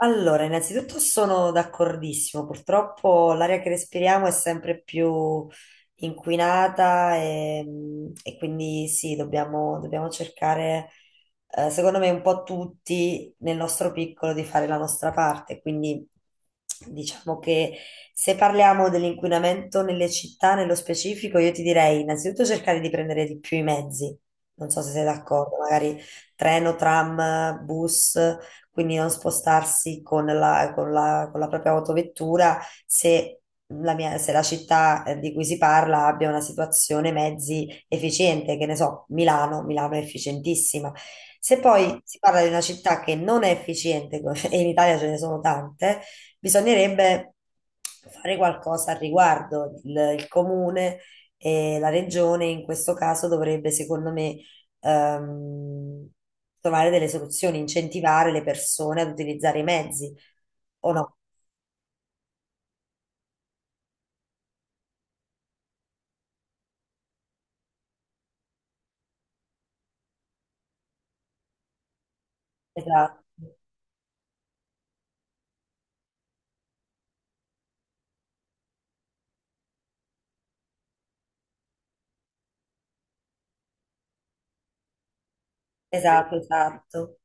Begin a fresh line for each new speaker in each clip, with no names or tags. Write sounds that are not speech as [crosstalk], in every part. Allora, innanzitutto sono d'accordissimo, purtroppo l'aria che respiriamo è sempre più inquinata e quindi sì, dobbiamo cercare, secondo me, un po' tutti nel nostro piccolo di fare la nostra parte. Quindi diciamo che se parliamo dell'inquinamento nelle città, nello specifico, io ti direi innanzitutto cercare di prendere di più i mezzi, non so se sei d'accordo, magari treno, tram, bus, quindi non spostarsi con la propria autovettura se se la città di cui si parla abbia una situazione mezzi efficiente, che ne so, Milano, Milano è efficientissima. Se poi si parla di una città che non è efficiente, [laughs] e in Italia ce ne sono tante, bisognerebbe fare qualcosa al riguardo. Il comune e la regione in questo caso dovrebbe, secondo me, ehm, trovare delle soluzioni, incentivare le persone ad utilizzare i mezzi, o no? Esatto, esatto, esatto.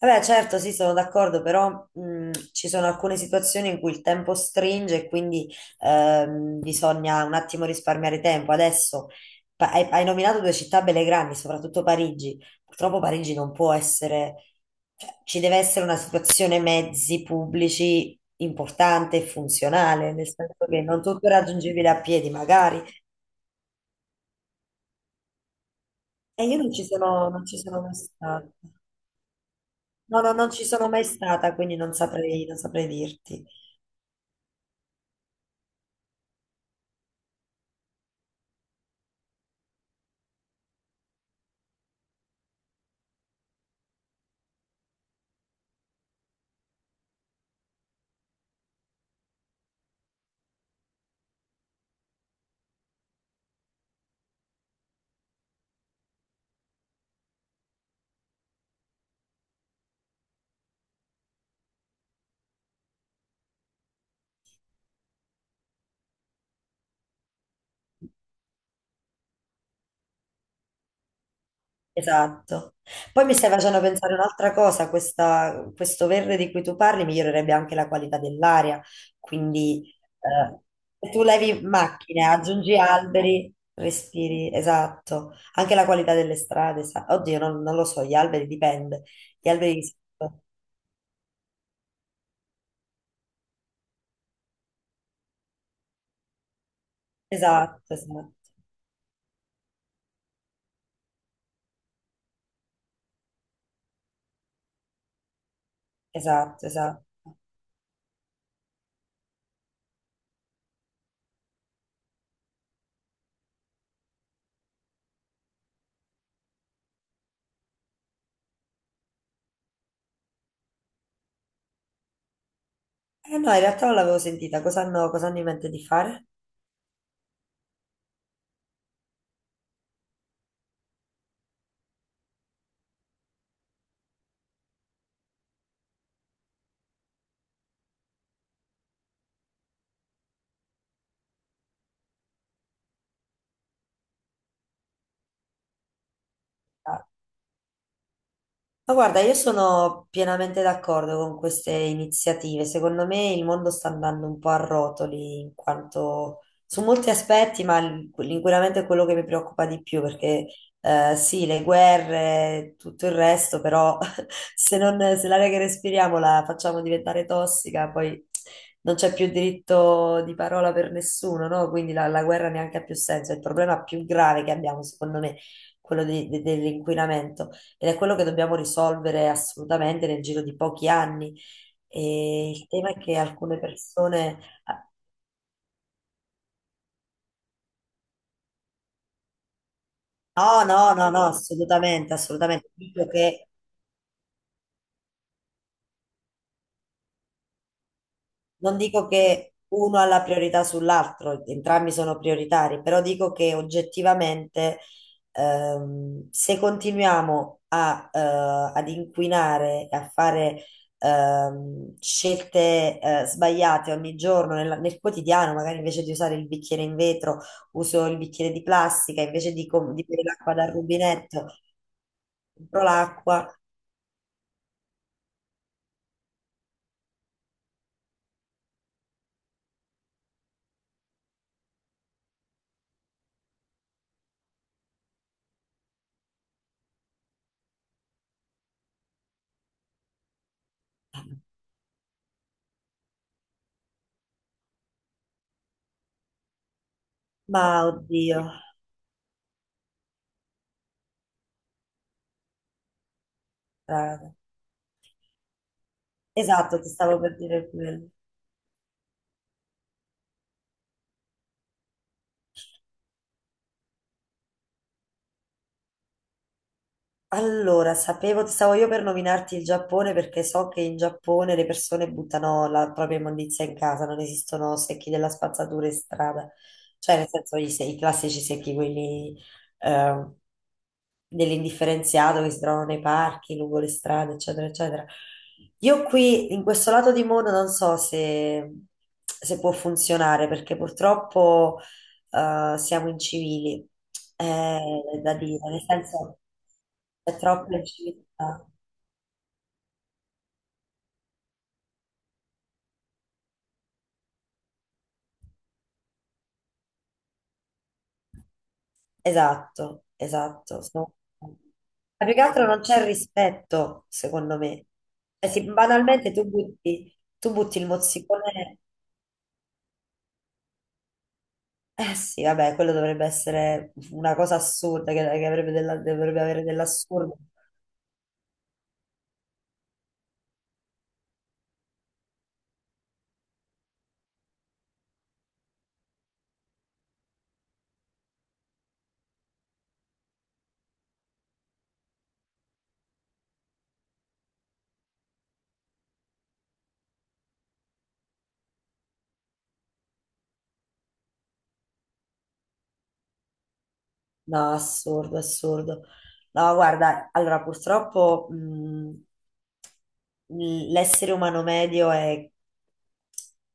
Vabbè, certo, sì, sono d'accordo, però ci sono alcune situazioni in cui il tempo stringe e quindi bisogna un attimo risparmiare tempo. Adesso hai, hai nominato due città belle grandi, soprattutto Parigi. Purtroppo Parigi non può essere, cioè, ci deve essere una situazione mezzi pubblici importante e funzionale, nel senso che non tutto è raggiungibile a piedi, magari. E io non ci sono mai stata. No, no, non ci sono mai stata, quindi non saprei dirti. Esatto. Poi mi stai facendo pensare un'altra cosa, questo verde di cui tu parli migliorerebbe anche la qualità dell'aria, quindi eh, se tu levi macchine, aggiungi alberi, respiri, esatto, anche la qualità delle strade, sa- Oddio, non lo so, gli alberi dipende, gli alberi... di sotto. Esatto, esatto, esatto, esatto. Eh no, in realtà non l'avevo sentita, cosa hanno in mente di fare? Ah, ma guarda, io sono pienamente d'accordo con queste iniziative. Secondo me il mondo sta andando un po' a rotoli in quanto su molti aspetti, ma l'inquinamento è quello che mi preoccupa di più perché sì, le guerre, tutto il resto, però [laughs] se non, se l'aria che respiriamo la facciamo diventare tossica, poi non c'è più diritto di parola per nessuno, no? Quindi la guerra neanche ha più senso. È il problema più grave che abbiamo, secondo me, quello dell'inquinamento ed è quello che dobbiamo risolvere assolutamente nel giro di pochi anni. E il tema è che alcune persone... ah, no, no, no, no, assolutamente, assolutamente. Dico che non dico che uno ha la priorità sull'altro, entrambi sono prioritari, però dico che oggettivamente se continuiamo ad inquinare e a fare scelte sbagliate ogni giorno nel quotidiano, magari invece di usare il bicchiere in vetro, uso il bicchiere di plastica, invece di, di bere l'acqua dal rubinetto, compro l'acqua, ma oddio, raga. Esatto, ti stavo per dire quello. Allora, sapevo, stavo io per nominarti il Giappone perché so che in Giappone le persone buttano la propria immondizia in casa, non esistono secchi della spazzatura in strada, cioè nel senso i, se- i classici secchi, quelli eh, dell'indifferenziato che si trovano nei parchi, lungo le strade, eccetera, eccetera. Io qui, in questo lato di mondo, non so se può funzionare perché purtroppo siamo incivili, è da dire, nel senso c'è troppa inciviltà. Esatto, esatto. Sono- Ma più che altro non c'è rispetto, secondo me. Cioè, sì, banalmente tu butti il mozzicone. Eh sì, vabbè, quello dovrebbe essere una cosa assurda, che avrebbe dovrebbe avere dell'assurdo. No, assurdo, assurdo. No, guarda, allora purtroppo l'essere umano medio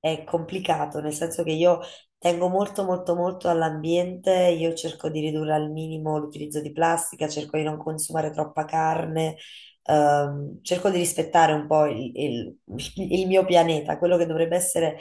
è complicato, nel senso che io tengo molto, molto, molto all'ambiente, io cerco di ridurre al minimo l'utilizzo di plastica, cerco di non consumare troppa carne, cerco di rispettare un po' il mio pianeta, quello che dovrebbe essere,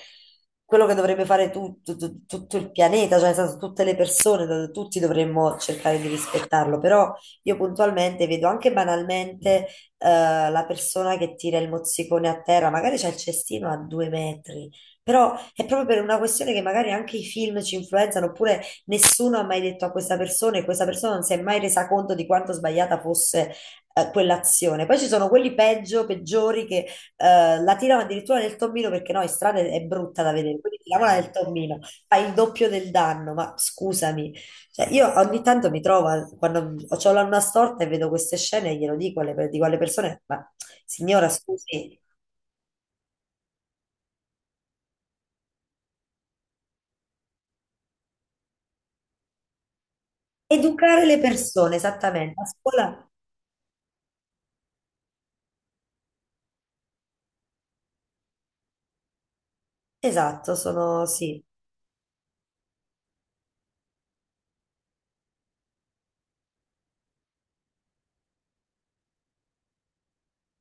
quello che dovrebbe fare tutto il pianeta, cioè nel senso, tutte le persone, tutti dovremmo cercare di rispettarlo, però io puntualmente vedo anche banalmente la persona che tira il mozzicone a terra, magari c'è il cestino a due metri, però è proprio per una questione che magari anche i film ci influenzano, oppure nessuno ha mai detto a questa persona e questa persona non si è mai resa conto di quanto sbagliata fosse quell'azione. Poi ci sono quelli peggio, peggiori che la tirano addirittura nel tommino perché no, in strada è brutta da vedere, quindi tiriamola nel tommino, fa il doppio del danno, ma scusami. Cioè, io ogni tanto mi trovo, quando ho l'anna storta e vedo queste scene, glielo dico dico alle persone, ma signora, scusi, educare le persone, esattamente, a scuola, esatto, sono, sì,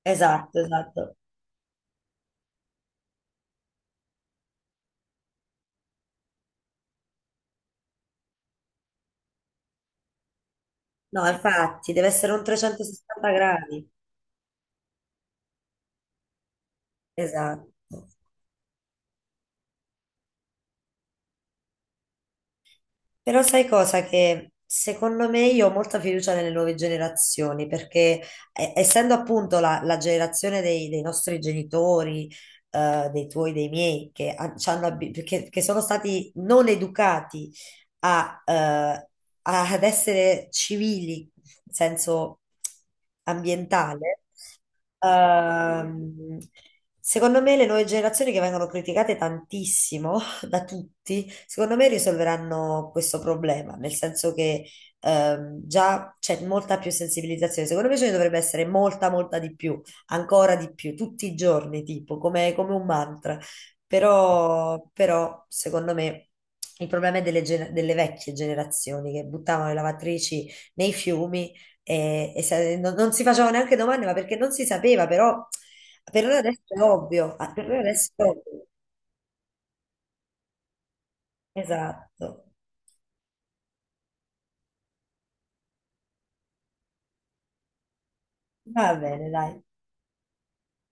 esatto, esatto. No, infatti, deve essere un 360 gradi, esatto. Però sai cosa? Che secondo me io ho molta fiducia nelle nuove generazioni, perché essendo appunto la generazione dei nostri genitori, dei tuoi, dei miei, che, ha- ci hanno abi- che sono stati non educati a, eh, ad essere civili, in senso ambientale, ehm, secondo me le nuove generazioni che vengono criticate tantissimo [laughs] da tutti, secondo me risolveranno questo problema, nel senso che già c'è molta più sensibilizzazione, secondo me ce ne dovrebbe essere molta, molta di più, ancora di più, tutti i giorni, tipo, come come un mantra. Però, però, secondo me, il problema è delle vecchie generazioni che buttavano le lavatrici nei fiumi e non si facevano neanche domande, ma perché non si sapeva, però per noi adesso è ovvio. Ah, per noi adesso è ovvio. Esatto. Va bene, dai.